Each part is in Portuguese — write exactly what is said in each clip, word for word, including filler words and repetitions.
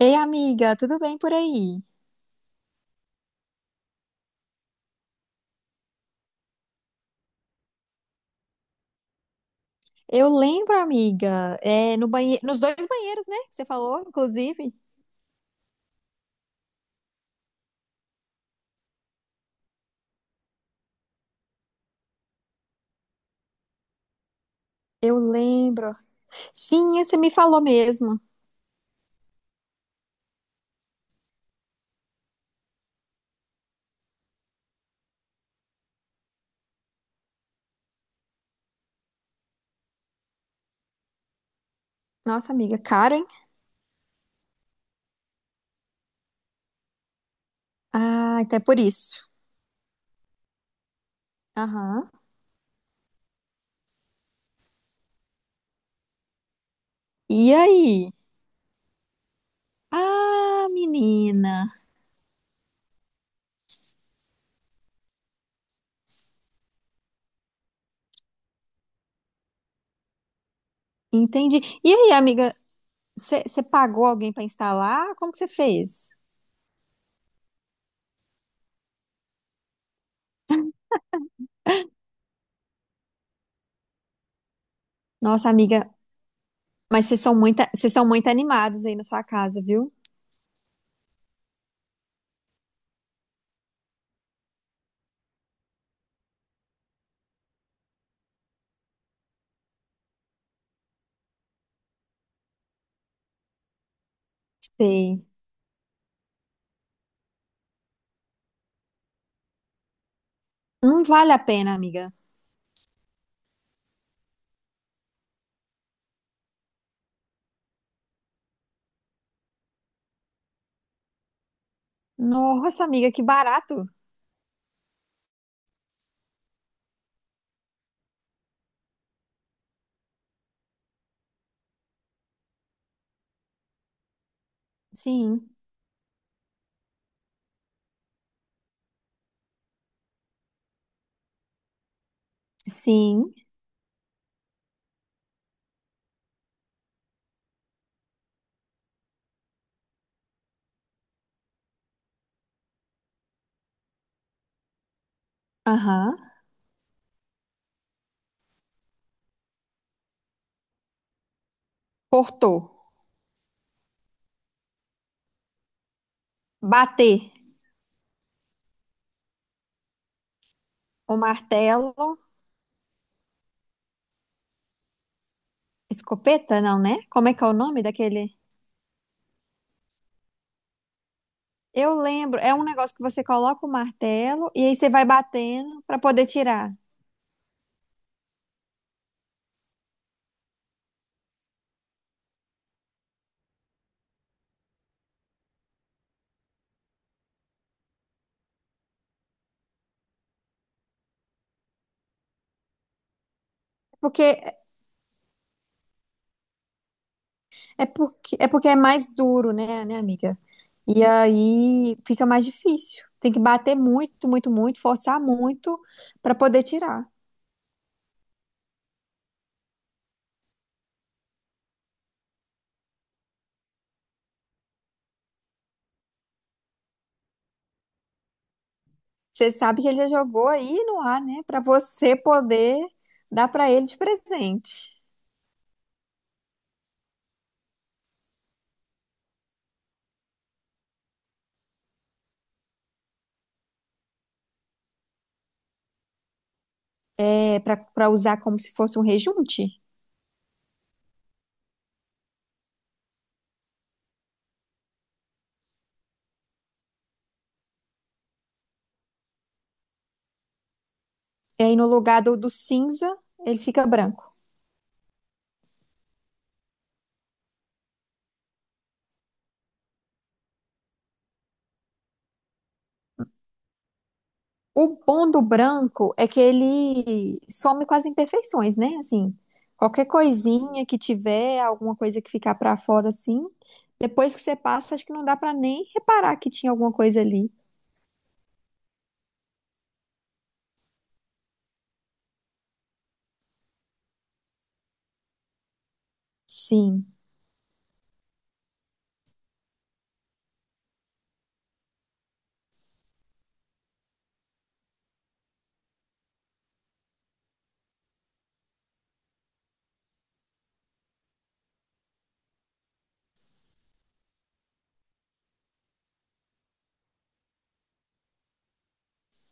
Ei, amiga, tudo bem por aí? Eu lembro, amiga, é, no banhe... nos dois banheiros, né? Que você falou, inclusive. Eu lembro. Sim, você me falou mesmo. Nossa, amiga, caro, hein? Ah, até por isso. Aham. E aí? Ah, menina. Entendi. E aí, amiga, você você pagou alguém para instalar? Como que você fez? Nossa, amiga, mas vocês são muito, vocês são muito animados aí na sua casa, viu? Sei. Não vale a pena, amiga. Nossa, amiga, que barato. Sim, sim, aham. Portou, bater, o martelo, escopeta, não, né? Como é que é o nome daquele? Eu lembro, é um negócio que você coloca o martelo e aí você vai batendo pra poder tirar. Porque é porque é porque é mais duro, né, né, amiga? E aí fica mais difícil. Tem que bater muito, muito, muito, forçar muito pra poder tirar. Você sabe que ele já jogou aí no ar, né? Pra você poder dar pra ele de presente. É, para usar como se fosse um rejunte. É, e aí no lugar do, do cinza, ele fica branco. O bom do branco é que ele some com as imperfeições, né? Assim, qualquer coisinha que tiver, alguma coisa que ficar para fora assim, depois que você passa, acho que não dá para nem reparar que tinha alguma coisa ali. Sim.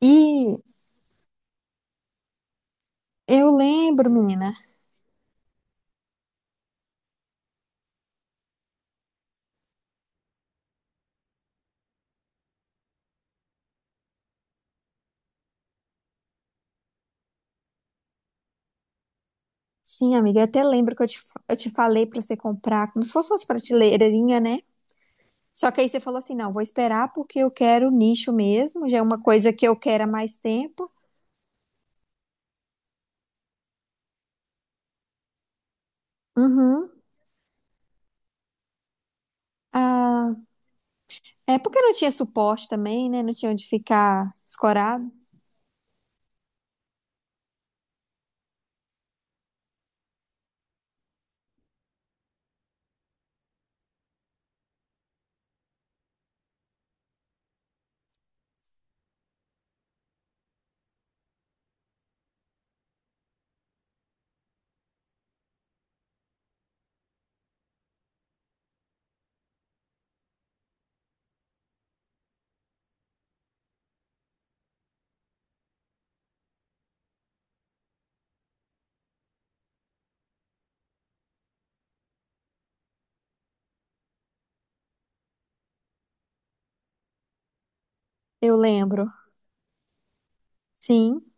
E eu lembro, menina. Sim, amiga, eu até lembro que eu te, eu te falei para você comprar como se fosse umas prateleirinhas, né? Só que aí você falou assim, não, vou esperar porque eu quero nicho mesmo, já é uma coisa que eu quero há mais tempo. Uhum. Ah, é porque não tinha suporte também, né? Não tinha onde ficar escorado. Eu lembro. Sim.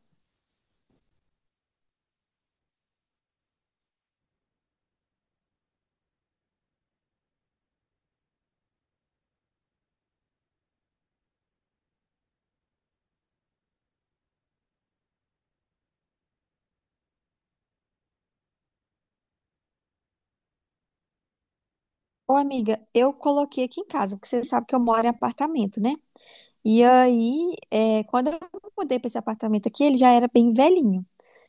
Ô, amiga, eu coloquei aqui em casa, porque você sabe que eu moro em apartamento, né? E aí, é, quando eu mudei para esse apartamento aqui, ele já era bem velhinho.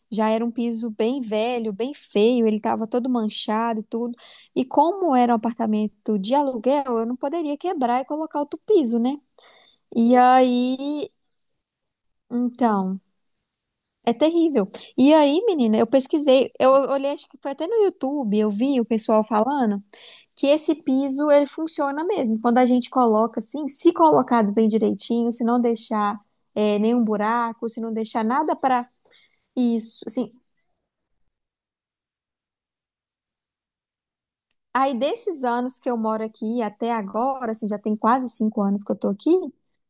Já era um piso bem velho, bem feio, ele estava todo manchado e tudo. E como era um apartamento de aluguel, eu não poderia quebrar e colocar outro piso, né? E aí, então, é terrível. E aí, menina, eu pesquisei, eu olhei, acho que foi até no YouTube, eu vi o pessoal falando que esse piso ele funciona mesmo. Quando a gente coloca assim, se colocado bem direitinho, se não deixar eh, nenhum buraco, se não deixar nada para isso, assim, aí, desses anos que eu moro aqui até agora, assim, já tem quase cinco anos que eu tô aqui,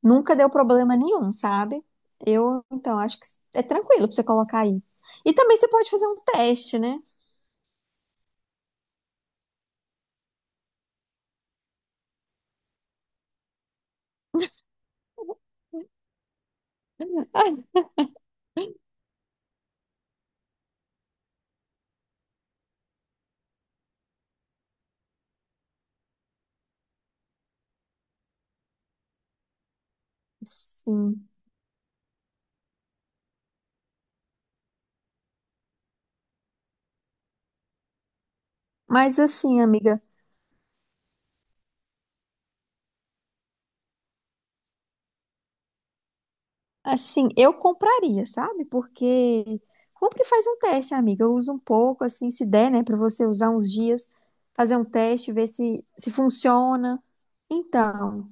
nunca deu problema nenhum, sabe? Eu, então, acho que é tranquilo pra você colocar aí. E também você pode fazer um teste, né? Ai, sim. Mas assim, amiga, assim, eu compraria, sabe? Porque compra e faz um teste, amiga. Usa um pouco, assim, se der, né, pra você usar uns dias, fazer um teste, ver se, se funciona. Então.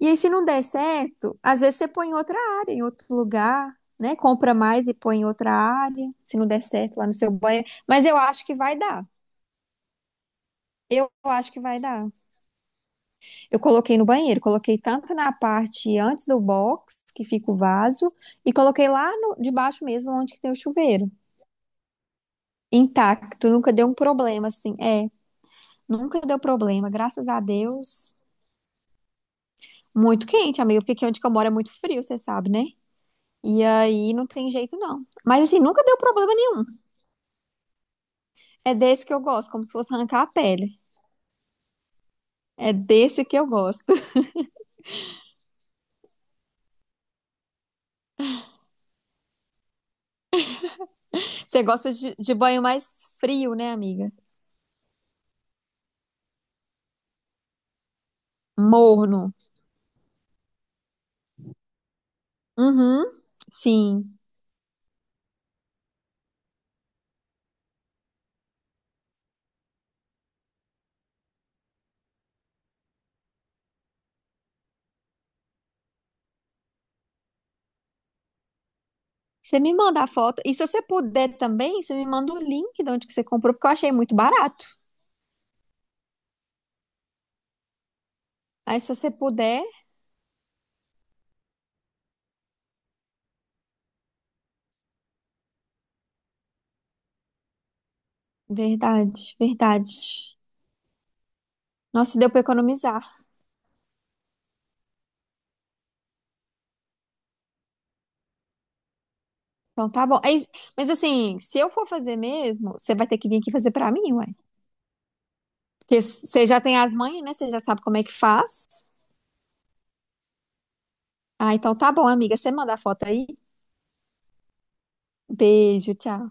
E aí, se não der certo, às vezes você põe em outra área, em outro lugar, né? Compra mais e põe em outra área, se não der certo lá no seu banheiro. Mas eu acho que vai dar. Eu acho que vai dar. Eu coloquei no banheiro, coloquei tanto na parte antes do box, que fica o vaso, e coloquei lá no, debaixo mesmo, onde que tem o chuveiro. Intacto, nunca deu um problema, assim. É, nunca deu problema, graças a Deus. Muito quente, amigo, porque aqui onde que eu moro é muito frio, você sabe, né? E aí não tem jeito, não. Mas assim, nunca deu problema. É desse que eu gosto, como se fosse arrancar a pele. É desse que eu gosto. Você gosta de, de banho mais frio, né, amiga? Morno. Uhum, sim. Você me manda a foto. E se você puder também, você me manda o link de onde que você comprou, porque eu achei muito barato. Aí, se você puder. Verdade, verdade. Nossa, deu pra economizar. Então tá bom. Aí, mas assim, se eu for fazer mesmo, você vai ter que vir aqui fazer pra mim, ué. Porque você já tem as manhas, né? Você já sabe como é que faz. Ah, então tá bom, amiga. Você manda a foto aí. Beijo, tchau.